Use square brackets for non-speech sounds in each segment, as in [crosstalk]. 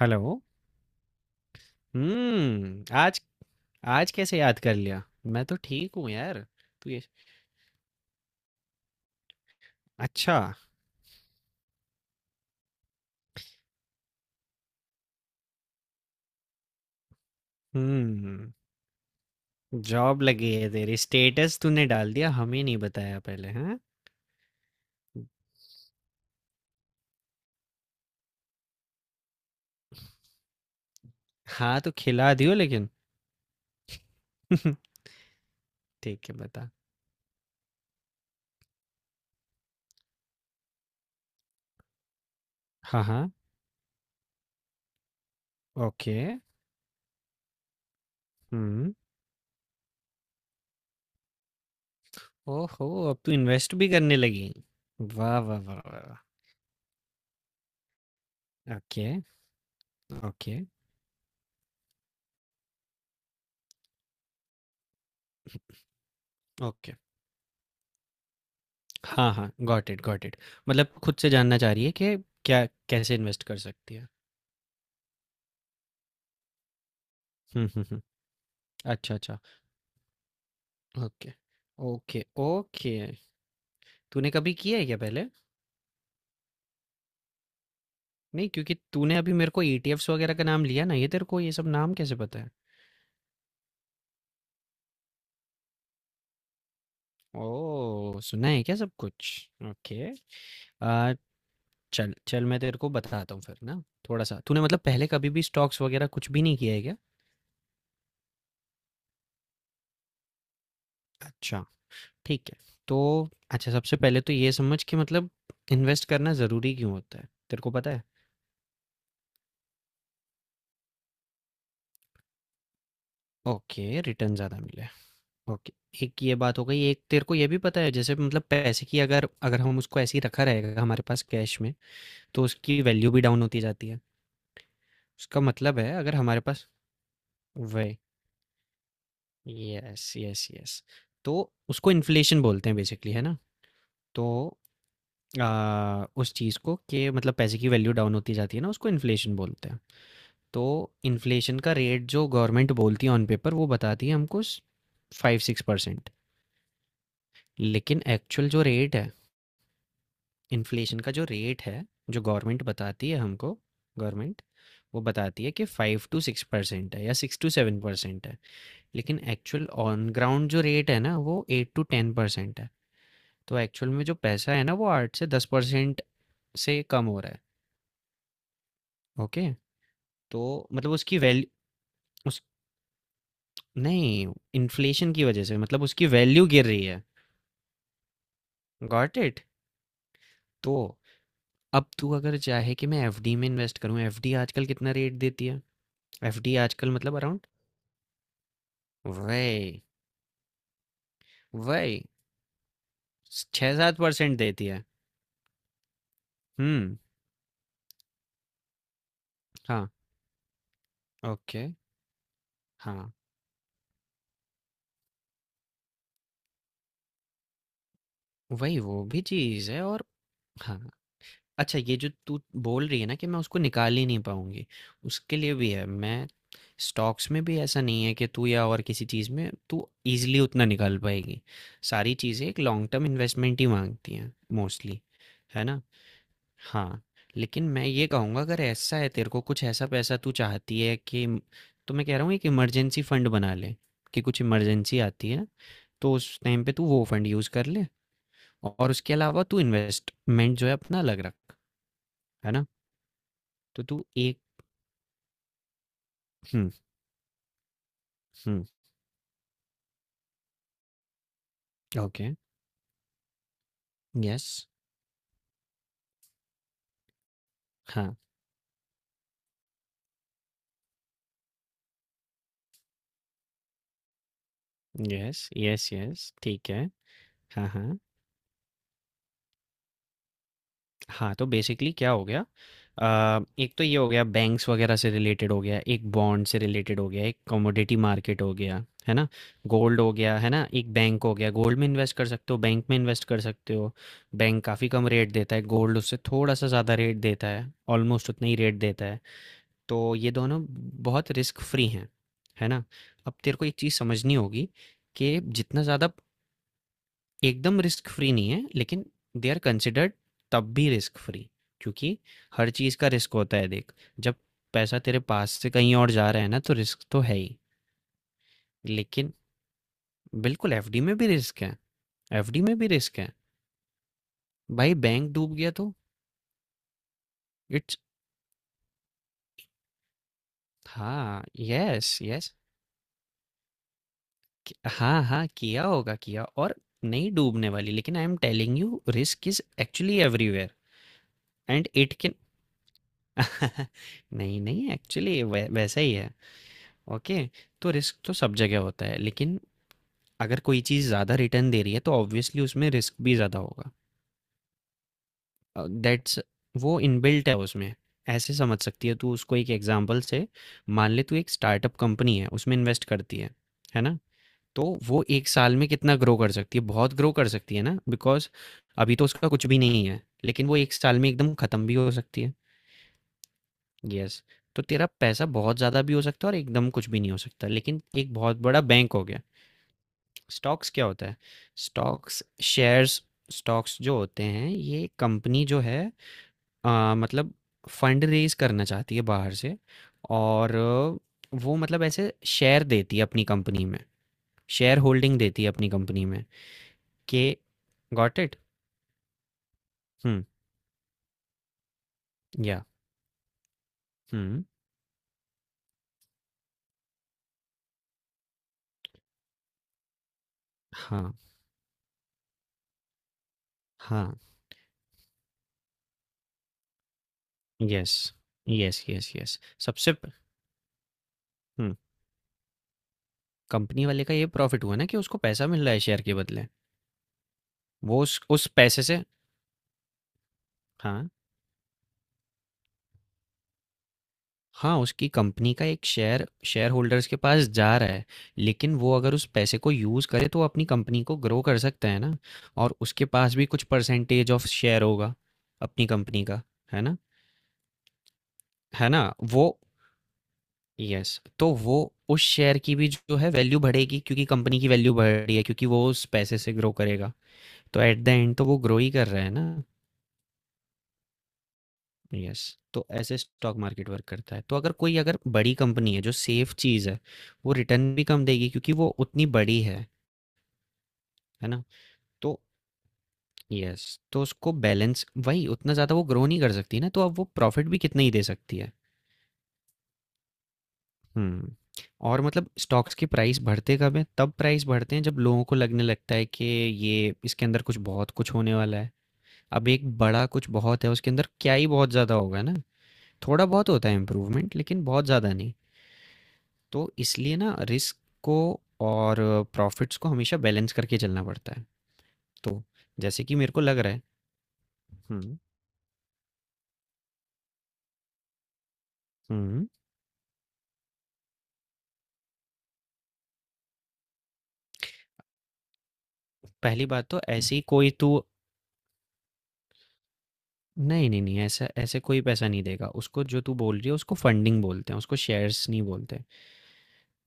Hello. आज आज कैसे याद कर लिया? मैं तो ठीक हूँ यार। तू ये अच्छा। हम्म, जॉब लगी है तेरी। स्टेटस तूने डाल दिया, हमें नहीं बताया पहले, हाँ? हाँ, तो खिला दियो लेकिन। [laughs] ठीक है, बता। हाँ, हाँ। ओके। हम्म। ओहो, अब तू इन्वेस्ट भी करने लगी। वाह, वाह, वाह, वाह, वाह। Okay, okay, okay. हाँ, हाँ, गॉट इट, गॉट इट। मतलब खुद से जानना चाह रही है कि क्या कैसे इन्वेस्ट कर सकती है। [laughs] अच्छा, अच्छा। Okay, okay, okay. तूने कभी किया है क्या पहले? नहीं, क्योंकि तूने अभी मेरे को ईटीएफ्स वगैरह का नाम लिया ना, ये तेरे को ये सब नाम कैसे पता है? ओह! सुना है क्या सब कुछ? ओके। अ, चल चल मैं तेरे को बताता हूँ फिर ना थोड़ा-सा। तूने मतलब पहले कभी भी स्टॉक्स वगैरह कुछ भी नहीं किया है क्या? अच्छा, ठीक है। तो अच्छा सबसे पहले तो ये समझ कि मतलब इन्वेस्ट करना ज़रूरी क्यों होता है? तेरे को पता है? ओके, रिटर्न ज़्यादा मिले। ओके, एक ये बात हो गई। एक तेरे को ये भी पता है जैसे मतलब पैसे की अगर अगर हम उसको ऐसे ही रखा रहेगा हमारे पास कैश में, तो उसकी वैल्यू भी डाउन होती जाती है। उसका मतलब है अगर हमारे पास वही यस, यस, यस। तो उसको इन्फ्लेशन बोलते हैं बेसिकली, है ना? तो उस चीज़ को कि मतलब पैसे की वैल्यू डाउन होती जाती है ना, उसको इन्फ्लेशन बोलते हैं। तो इन्फ्लेशन का रेट जो गवर्नमेंट बोलती है ऑन पेपर वो बताती है हमको स 5-6% लेकिन एक्चुअल जो रेट है इन्फ्लेशन का जो रेट है जो गवर्नमेंट बताती है हमको गवर्नमेंट वो बताती है कि 5 से 6% है या 6 से 7% है लेकिन एक्चुअल ऑन ग्राउंड जो रेट है ना वो 8 से 10% है तो एक्चुअल में जो पैसा है ना वो 8 से 10% से कम हो रहा है। ओके। तो मतलब उसकी वैल्यू उस नहीं इन्फ्लेशन की वजह से मतलब उसकी वैल्यू गिर रही है। Got it. तो अब तू अगर चाहे कि मैं एफडी में इन्वेस्ट करूं, एफडी आजकल कितना रेट देती है, एफडी आजकल मतलब अराउंड वही, वही 6-7 परसेंट देती है। हुँ, हाँ, ओके, हाँ, वही वो भी चीज़ है और हाँ, अच्छा ये जो तू बोल रही है ना कि मैं उसको निकाल ही नहीं पाऊँगी, उसके लिए भी है, मैं स्टॉक्स में भी ऐसा नहीं है कि तू या और किसी चीज़ में तू ईज़िली उतना निकाल पाएगी। सारी चीज़ें एक लॉन्ग टर्म इन्वेस्टमेंट ही माँगती हैं मोस्टली, है ना? हाँ, लेकिन मैं ये कहूँगा अगर ऐसा है तेरे को कुछ ऐसा पैसा तू चाहती है कि तो मैं कह रहा हूँ एक इमरजेंसी फंड बना ले कि कुछ इमरजेंसी आती है तो उस टाइम पे तू वो फंड यूज़ कर ले और उसके अलावा तू इन्वेस्टमेंट जो है अपना अलग रख, है ना? तो तू एक हम्म हम्म ओके यस हाँ यस यस यस ठीक है हाँ हाँ। हाँ तो बेसिकली क्या हो गया, एक तो ये हो गया बैंक्स वगैरह से रिलेटेड हो गया, एक बॉन्ड से रिलेटेड हो गया, एक कमोडिटी मार्केट हो गया, है ना? गोल्ड हो गया, है ना, एक बैंक हो गया, गोल्ड में इन्वेस्ट कर सकते हो, बैंक में इन्वेस्ट कर सकते हो। बैंक काफ़ी कम रेट देता है, गोल्ड उससे थोड़ा सा ज़्यादा रेट देता है, ऑलमोस्ट उतना ही रेट देता है। तो ये दोनों बहुत रिस्क फ्री हैं, है ना? अब तेरे को एक चीज़ समझनी होगी कि जितना ज़्यादा एकदम रिस्क फ्री नहीं है लेकिन दे आर कंसिडर्ड तब भी रिस्क फ्री क्योंकि हर चीज़ का रिस्क होता है। देख जब पैसा तेरे पास से कहीं और जा रहा है ना तो रिस्क तो है ही लेकिन बिल्कुल एफडी में भी रिस्क है एफडी में भी रिस्क है भाई बैंक डूब गया तो इट्स। हाँ यस यस। हाँ हाँ किया होगा किया और नहीं डूबने वाली लेकिन I am telling you risk is actually everywhere and it can [laughs] नहीं नहीं एक्चुअली वैसा ही है। ओके। तो रिस्क तो सब जगह होता है लेकिन अगर कोई चीज़ ज़्यादा रिटर्न दे रही है तो ऑब्वियसली उसमें रिस्क भी ज़्यादा होगा। दैट्स वो इनबिल्ट है उसमें। ऐसे समझ सकती है तू उसको एक एग्जांपल से। मान ले तू एक स्टार्टअप कंपनी है उसमें इन्वेस्ट करती है ना? तो वो एक साल में कितना ग्रो कर सकती है, बहुत ग्रो कर सकती है ना, बिकॉज अभी तो उसका कुछ भी नहीं है लेकिन वो एक साल में एकदम ख़त्म भी हो सकती है। यस। तो तेरा पैसा बहुत ज़्यादा भी हो सकता है और एकदम कुछ भी नहीं हो सकता, लेकिन एक बहुत बड़ा बैंक हो गया। स्टॉक्स क्या होता है? Stocks shares. स्टॉक्स जो होते हैं ये कंपनी जो है मतलब फंड रेज करना चाहती है बाहर से और वो मतलब ऐसे शेयर देती है अपनी कंपनी में, शेयर होल्डिंग देती है अपनी कंपनी में। के, गॉट इट। हम्म या हम्म हाँ हाँ। Yes yes yes yes. सबसे प- हम्म। कंपनी वाले का ये प्रॉफिट हुआ ना कि उसको पैसा मिल रहा है शेयर के बदले। वो उस पैसे से हाँ, हाँ, उसकी कंपनी का एक शेयर शेयरहोल्डर्स के पास जा रहा है, लेकिन वो अगर उस पैसे को यूज़ करे तो वो अपनी कंपनी को ग्रो कर सकता है ना, और उसके पास भी कुछ परसेंटेज ऑफ शेयर होगा अपनी कंपनी का, है ना? है ना? वो यस, तो वो उस शेयर की भी जो है वैल्यू बढ़ेगी क्योंकि कंपनी की वैल्यू बढ़ रही है क्योंकि वो उस पैसे से ग्रो करेगा। तो एट द एंड तो वो ग्रो ही कर रहा है ना। यस। तो ऐसे स्टॉक मार्केट वर्क करता है, तो अगर कोई अगर बड़ी कंपनी है जो सेफ चीज़ है वो रिटर्न भी कम देगी क्योंकि वो उतनी बड़ी है ना? तो यस, तो उसको बैलेंस वही, उतना ज़्यादा वो ग्रो नहीं कर सकती ना तो अब वो प्रॉफिट भी कितना ही दे सकती है। हम्म। और मतलब स्टॉक्स के प्राइस बढ़ते कब हैं, तब प्राइस बढ़ते हैं जब लोगों को लगने लगता है कि ये इसके अंदर कुछ बहुत कुछ होने वाला है। अब एक बड़ा कुछ बहुत है उसके अंदर क्या ही बहुत ज़्यादा होगा ना। थोड़ा बहुत होता है इम्प्रूवमेंट लेकिन बहुत ज़्यादा नहीं। तो इसलिए ना रिस्क को और प्रॉफिट्स को हमेशा बैलेंस करके चलना पड़ता है। तो जैसे कि मेरे को लग रहा है हुँ। हुँ, पहली बात तो ऐसी कोई तू नहीं, नहीं, नहीं ऐसा ऐसे कोई पैसा नहीं देगा। उसको जो तू बोल रही है उसको फंडिंग बोलते हैं, उसको शेयर्स नहीं बोलते।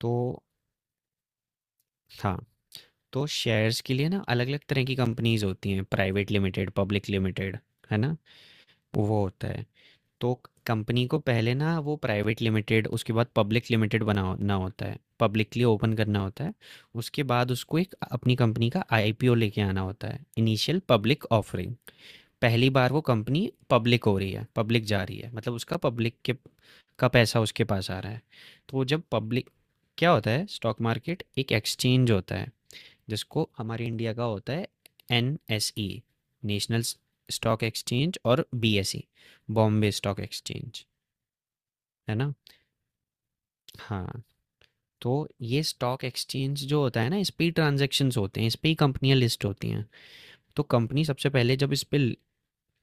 तो हाँ, तो शेयर्स के लिए ना अलग-अलग तरह की कंपनीज़ होती हैं, प्राइवेट लिमिटेड, पब्लिक लिमिटेड, है ना? वो होता है। तो कंपनी को पहले ना वो प्राइवेट लिमिटेड उसके बाद पब्लिक लिमिटेड बनाना होता है। पब्लिकली ओपन करना होता है। उसके बाद उसको एक अपनी कंपनी का आईपीओ लेके आना होता है। Initial public offering. पहली बार वो कंपनी पब्लिक हो रही है, पब्लिक जा रही है। मतलब उसका पब्लिक के का पैसा उसके पास आ रहा है। तो जब पब्लिक क्या होता है, स्टॉक मार्केट एक एक्सचेंज होता है। जिसको हमारे इंडिया का होता है N S E, national stock exchange और B S E, Bombay stock exchange, है ना? हाँ। तो ये स्टॉक एक्सचेंज जो होता है ना, इस पे ही ट्रांजेक्शन्स होते हैं, इस पे ही कंपनियां लिस्ट होती हैं। तो कंपनी सबसे पहले जब इस पे ल-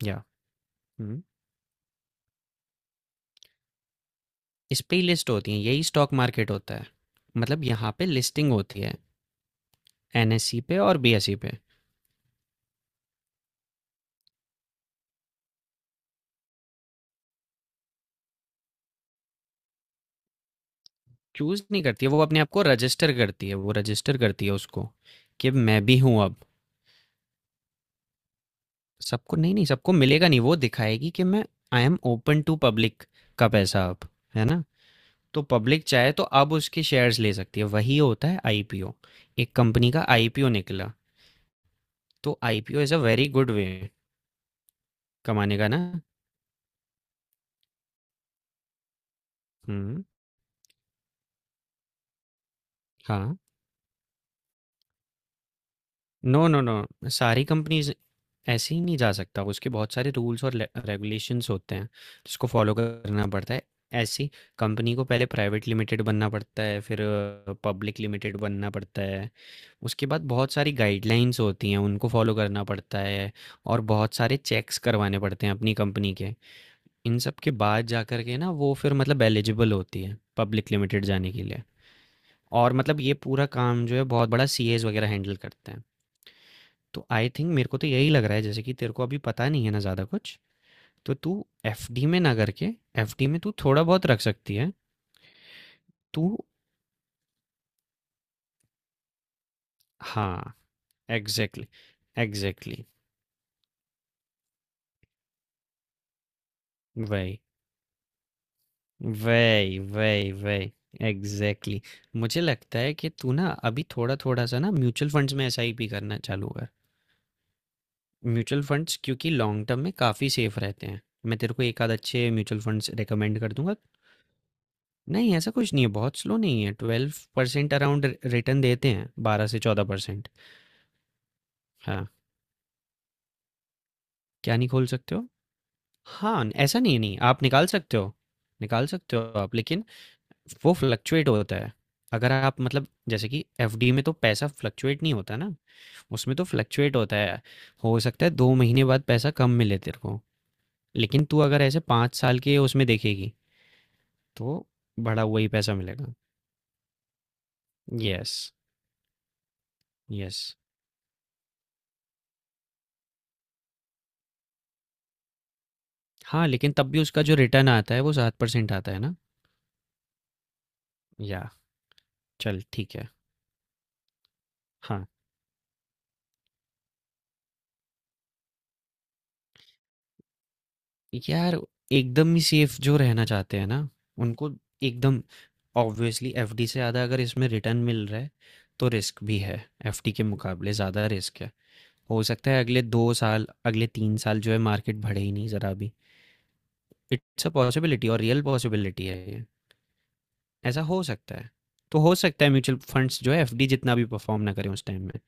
या हम्म, इस पे ही लिस्ट होती हैं, यही स्टॉक मार्केट होता है, मतलब यहाँ पे लिस्टिंग होती है, एनएससी पे और बीएसई पे। चूज नहीं करती है, वो अपने आप को रजिस्टर करती है, वो रजिस्टर करती है उसको कि मैं भी हूँ अब। सबको नहीं, नहीं सबको मिलेगा नहीं, वो दिखाएगी कि मैं I am open to public का पैसा अब, है ना? तो पब्लिक चाहे तो अब उसके शेयर्स ले सकती है, वही होता है आईपीओ। एक कंपनी का आईपीओ निकला, तो IPO is a very good way कमाने का ना। हुँ, हाँ। नो, नो, नो सारी कंपनीज़ ऐसे ही नहीं जा सकता, उसके बहुत सारे रूल्स और ले रेगुलेशंस होते हैं, जिसको फॉलो करना पड़ता है। ऐसी कंपनी को पहले प्राइवेट लिमिटेड बनना पड़ता है, फिर पब्लिक लिमिटेड बनना पड़ता है। उसके बाद बहुत सारी गाइडलाइंस होती हैं, उनको फॉलो करना पड़ता है और बहुत सारे चेक्स करवाने पड़ते हैं अपनी कंपनी के। इन सब के बाद जाकर के ना वो फिर मतलब एलिजिबल होती है पब्लिक लिमिटेड जाने के लिए। और मतलब ये पूरा काम जो है बहुत बड़ा सीएज वगैरह हैंडल करते हैं। तो आई थिंक मेरे को तो यही लग रहा है जैसे कि तेरे को अभी पता नहीं है ना ज़्यादा कुछ, तो तू एफडी में ना करके एफडी में तू थोड़ा बहुत रख सकती है। तू हाँ, एग्ज़ैक्टली, एग्ज़ैक्टली, वही। वही वही वही एग्जैक्टली exactly. मुझे लगता है कि तू ना अभी थोड़ा थोड़ा सा ना म्यूचुअल फंड्स में एसआईपी करना चालू कर। म्यूचुअल फंड्स क्योंकि लॉन्ग टर्म में काफ़ी सेफ रहते हैं, मैं तेरे को एक आध अच्छे म्यूचुअल फंड्स रेकमेंड कर दूंगा। नहीं ऐसा कुछ नहीं है, बहुत स्लो नहीं है, 12% अराउंड रिटर्न देते हैं, 12 से 14%। हाँ, क्या नहीं खोल सकते हो? हाँ ऐसा नहीं, नहीं आप निकाल सकते हो, निकाल सकते हो आप, लेकिन वो फ्लक्चुएट होता है। अगर आप मतलब जैसे कि एफडी में तो पैसा फ्लक्चुएट नहीं होता ना, उसमें तो फ्लक्चुएट होता है। हो सकता है दो महीने बाद पैसा कम मिले तेरे को, लेकिन तू अगर ऐसे पाँच साल के उसमें देखेगी तो बढ़ा हुआ ही पैसा मिलेगा। Yes, yes. हाँ लेकिन तब भी उसका जो रिटर्न आता है वो 7% आता है ना। या चल ठीक है हाँ यार एकदम ही सेफ जो रहना चाहते हैं ना उनको एकदम ऑब्वियसली एफडी से ज़्यादा अगर इसमें रिटर्न मिल रहा है तो रिस्क भी है, एफडी के मुकाबले ज़्यादा रिस्क है। हो सकता है अगले दो साल अगले तीन साल जो है मार्केट बढ़े ही नहीं ज़रा भी। इट्स अ पॉसिबिलिटी और रियल पॉसिबिलिटी है ये, ऐसा हो सकता है। तो हो सकता है म्यूचुअल फंड्स जो है एफडी जितना भी परफॉर्म ना करें उस टाइम में,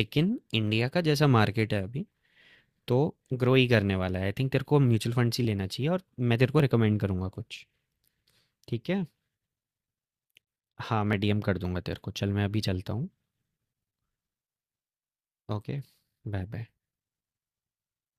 लेकिन इंडिया का जैसा मार्केट है अभी तो ग्रो ही करने वाला है। आई थिंक तेरे को म्यूचुअल फंड्स ही लेना चाहिए और मैं तेरे को रिकमेंड करूँगा कुछ। ठीक है, हाँ मैं डीएम कर दूंगा तेरे को, चल मैं अभी चलता हूँ। Okay, bye bye.